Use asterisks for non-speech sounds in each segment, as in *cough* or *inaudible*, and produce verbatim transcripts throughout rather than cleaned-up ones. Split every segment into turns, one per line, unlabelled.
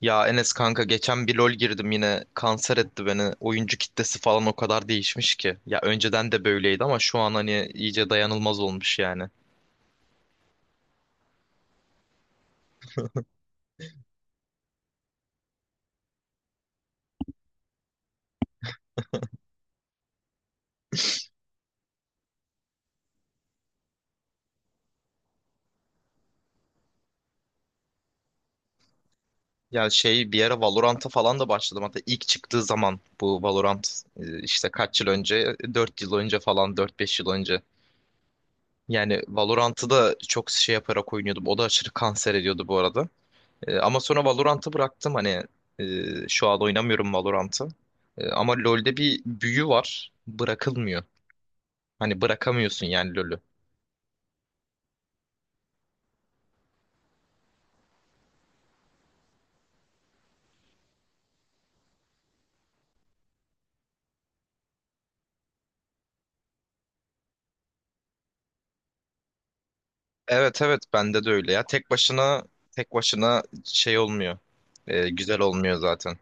Ya Enes kanka geçen bir LoL girdim yine kanser etti beni. Oyuncu kitlesi falan o kadar değişmiş ki. Ya önceden de böyleydi ama şu an hani iyice dayanılmaz olmuş yani. Ya şey bir ara Valorant'a falan da başladım. Hatta ilk çıktığı zaman bu Valorant e, işte kaç yıl önce? Dört yıl önce falan, dört beş yıl önce. Yani Valorant'ı da çok şey yaparak oynuyordum. O da aşırı kanser ediyordu bu arada. E, Ama sonra Valorant'ı bıraktım hani e, şu an oynamıyorum Valorant'ı. E, Ama LoL'de bir büyü var. Bırakılmıyor. Hani bırakamıyorsun yani LoL'ü. Evet evet, bende de öyle ya. Tek başına tek başına şey olmuyor. Ee, güzel olmuyor zaten.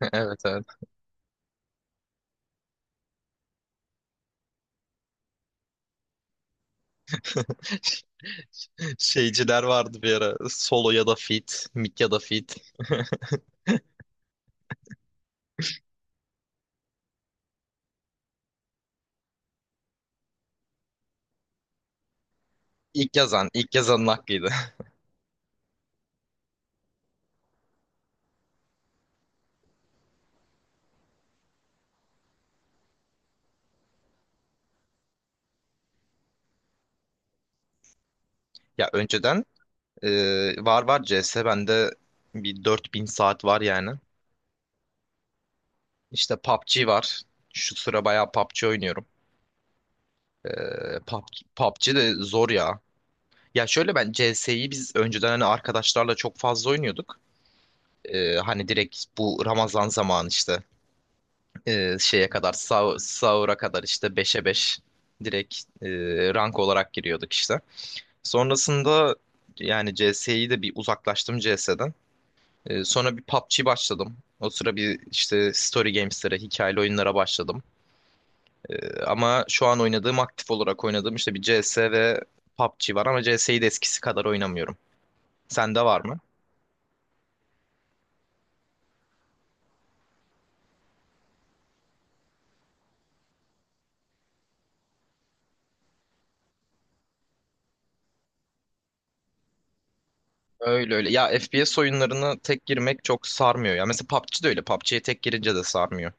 *laughs* Evet evet. *laughs* Şeyciler vardı bir ara. Solo ya da fit, mid ya da fit. İlk yazan, ilk yazanın hakkıydı. *laughs* Ya önceden e, var var C S bende. Bir dört bin saat var yani. İşte PUBG var. Şu sıra bayağı PUBG oynuyorum. E, PUBG, PUBG de zor ya. Ya şöyle, ben C CS'yi biz önceden hani arkadaşlarla çok fazla oynuyorduk. Ee, hani direkt bu Ramazan zamanı işte e, şeye kadar sah- sahura kadar işte beşe beş direkt e, rank olarak giriyorduk işte. Sonrasında yani C S'yi de bir uzaklaştım C S'den. Sonra bir PUBG başladım. O sıra bir işte story games'lere, hikayeli oyunlara başladım. Ee, ama şu an oynadığım, aktif olarak oynadığım işte bir C S ve PUBG var ama C S'yi de eskisi kadar oynamıyorum. Sende var mı? Öyle öyle. Ya F P S oyunlarına tek girmek çok sarmıyor ya. Mesela PUBG de öyle. PUBG'ye tek girince de sarmıyor.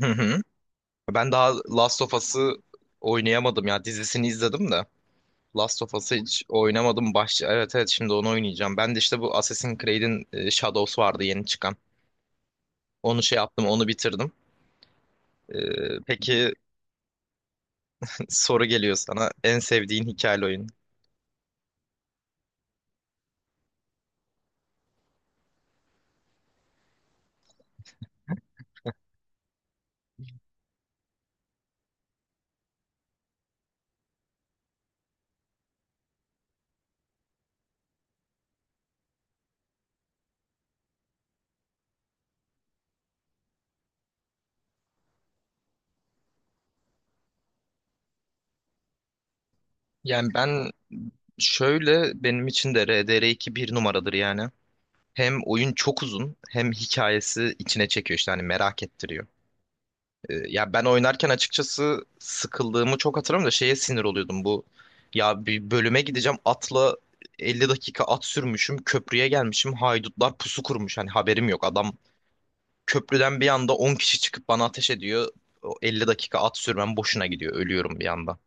Hı hı. Ben daha Last of Us'ı oynayamadım ya. Dizisini izledim de. Last of Us'ı hiç oynamadım. Baş... Evet evet, şimdi onu oynayacağım. Ben de işte bu Assassin's Creed'in e, Shadows vardı yeni çıkan. Onu şey yaptım, onu bitirdim. E, peki, *laughs* soru geliyor sana. En sevdiğin hikayeli oyun? Yani ben şöyle, benim için de R D R iki bir numaradır yani. Hem oyun çok uzun hem hikayesi içine çekiyor işte hani merak ettiriyor. Ee, ya ben oynarken açıkçası sıkıldığımı çok hatırlamıyorum da şeye sinir oluyordum bu. Ya bir bölüme gideceğim, atla elli dakika at sürmüşüm, köprüye gelmişim, haydutlar pusu kurmuş, hani haberim yok, adam köprüden bir anda on kişi çıkıp bana ateş ediyor. O elli dakika at sürmem boşuna gidiyor, ölüyorum bir anda.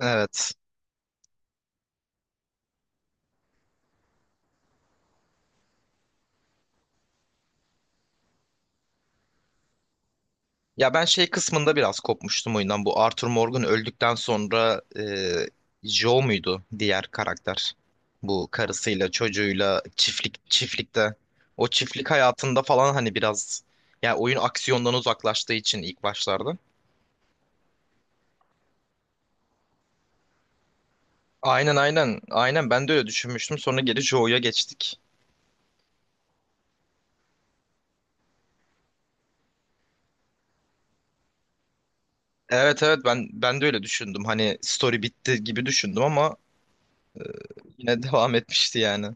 Evet. Ya ben şey kısmında biraz kopmuştum oyundan. Bu Arthur Morgan öldükten sonra e, Joe muydu diğer karakter? Bu karısıyla çocuğuyla çiftlik çiftlikte. O çiftlik hayatında falan hani biraz, ya oyun aksiyondan uzaklaştığı için ilk başlarda. Aynen aynen aynen, ben de öyle düşünmüştüm. Sonra geri Joe'ya geçtik. Evet evet, ben ben de öyle düşündüm. Hani story bitti gibi düşündüm ama yine *laughs* devam etmişti yani.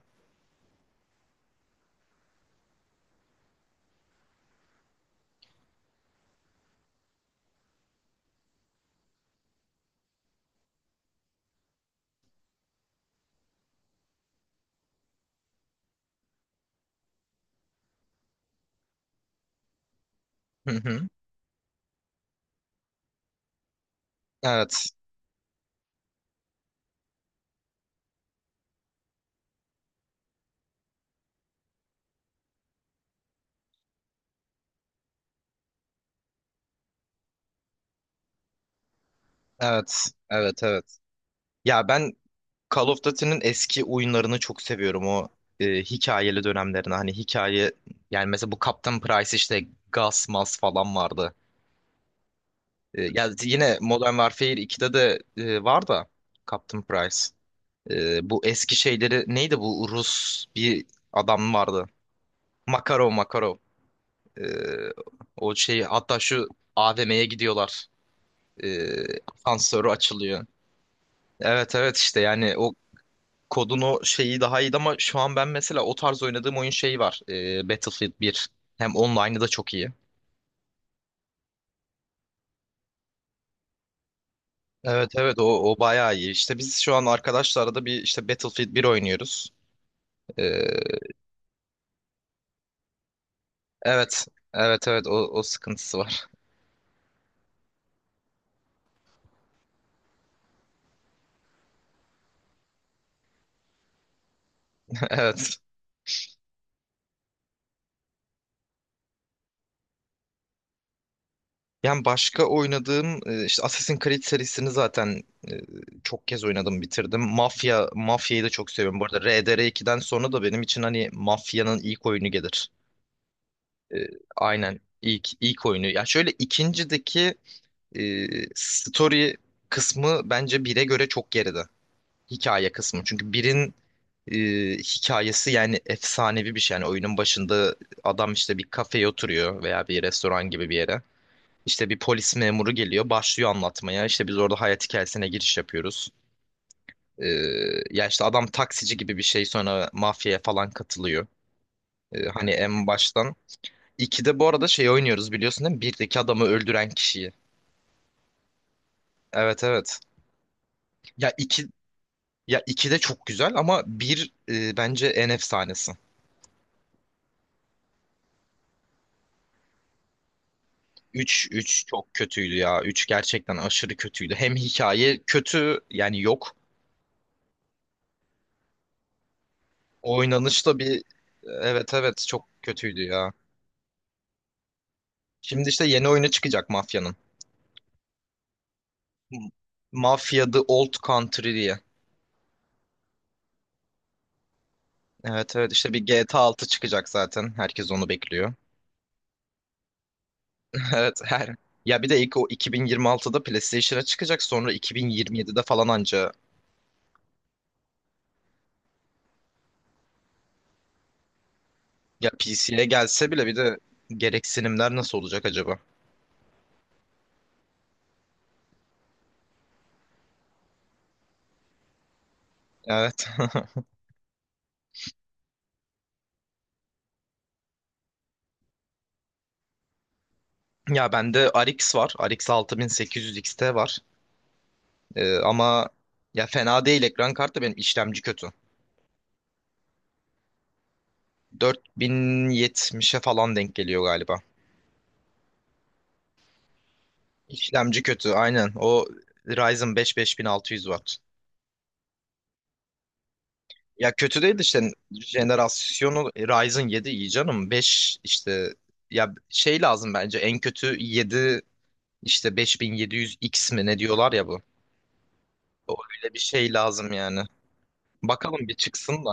Hı hı. Evet. Evet, evet, evet. Ya ben Call of Duty'nin eski oyunlarını çok seviyorum. O e, hikayeli dönemlerini. Hani hikaye yani mesela bu Captain Price, işte Gas Mas falan vardı. E, ya yine Modern Warfare ikide de e, var da, Captain Price. E, bu eski şeyleri neydi, bu Rus bir adam vardı. Makarov Makarov. E, O şeyi, hatta şu A V M'ye gidiyorlar. E, Asansörü açılıyor. Evet evet, işte yani o Kodun o şeyi daha iyiydi ama şu an ben mesela o tarz oynadığım oyun şeyi var. Ee, Battlefield bir. Hem online'ı da çok iyi. Evet evet, o, o bayağı iyi. İşte biz şu an arkadaşlarla da bir işte Battlefield bir oynuyoruz. Ee, evet evet evet, o, o sıkıntısı var. *laughs* Evet. Yani başka oynadığım e, işte Assassin's Creed serisini zaten e, çok kez oynadım, bitirdim. Mafya Mafya'yı da çok seviyorum. Bu arada R D R ikiden sonra da benim için hani Mafya'nın ilk oyunu gelir. E, aynen, ilk ilk oyunu. Ya şöyle, ikincideki e, story kısmı bence bire göre çok geride. Hikaye kısmı. Çünkü birin e, hikayesi yani efsanevi bir şey. Yani oyunun başında adam işte bir kafeye oturuyor veya bir restoran gibi bir yere. İşte bir polis memuru geliyor, başlıyor anlatmaya. İşte biz orada hayat hikayesine giriş yapıyoruz. E, Ya işte adam taksici gibi bir şey, sonra mafyaya falan katılıyor. E, hani en baştan. ikide bu arada şey oynuyoruz biliyorsun değil mi? Birdeki adamı öldüren kişiyi. Evet evet. Ya iki Ya iki de çok güzel ama bir, e, bence en efsanesi. Üç üç çok kötüydü ya. Üç gerçekten aşırı kötüydü. Hem hikaye kötü, yani yok. Oynanış da bir evet evet, çok kötüydü ya. Şimdi işte yeni oyunu çıkacak Mafya'nın. Mafya The Old Country diye. Evet evet, işte bir G T A altı çıkacak zaten. Herkes onu bekliyor. Evet her. Ya bir de ilk o iki bin yirmi altıda PlayStation'a çıkacak, sonra iki bin yirmi yedide falan anca ya P C'ye gelse bile bir de, gereksinimler nasıl olacak acaba? Evet. *laughs* Ya bende R X var. R X altı bin sekiz yüz X T var. Ee, ama, ya fena değil ekran kartı, benim işlemci kötü. dört bin yetmişe falan denk geliyor galiba. İşlemci kötü aynen. O Ryzen beş beş bin altı yüz var. Ya kötü değil de işte jenerasyonu. Ryzen yedi iyi canım. beş işte Ya şey lazım, bence en kötü yedi, işte beş bin yedi yüz X mi ne diyorlar ya bu. O Öyle bir şey lazım yani. Bakalım bir çıksın da.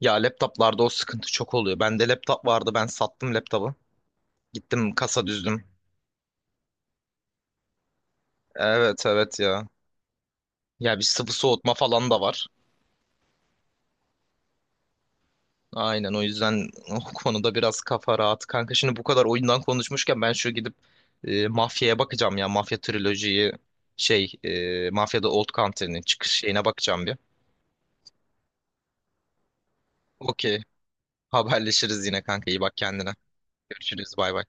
Ya laptoplarda o sıkıntı çok oluyor. Bende laptop vardı, ben sattım laptopu. Gittim kasa düzdüm. Evet evet ya. Ya bir sıvı soğutma falan da var. Aynen, o yüzden o konuda biraz kafa rahat. Kanka, şimdi bu kadar oyundan konuşmuşken, ben şu gidip e, Mafya'ya bakacağım ya. Mafya trilojiyi Şey, e, Mafya'da Old Country'nin çıkış şeyine bakacağım bir. Okey. Haberleşiriz yine kanka. İyi bak kendine. Görüşürüz. Bay bay.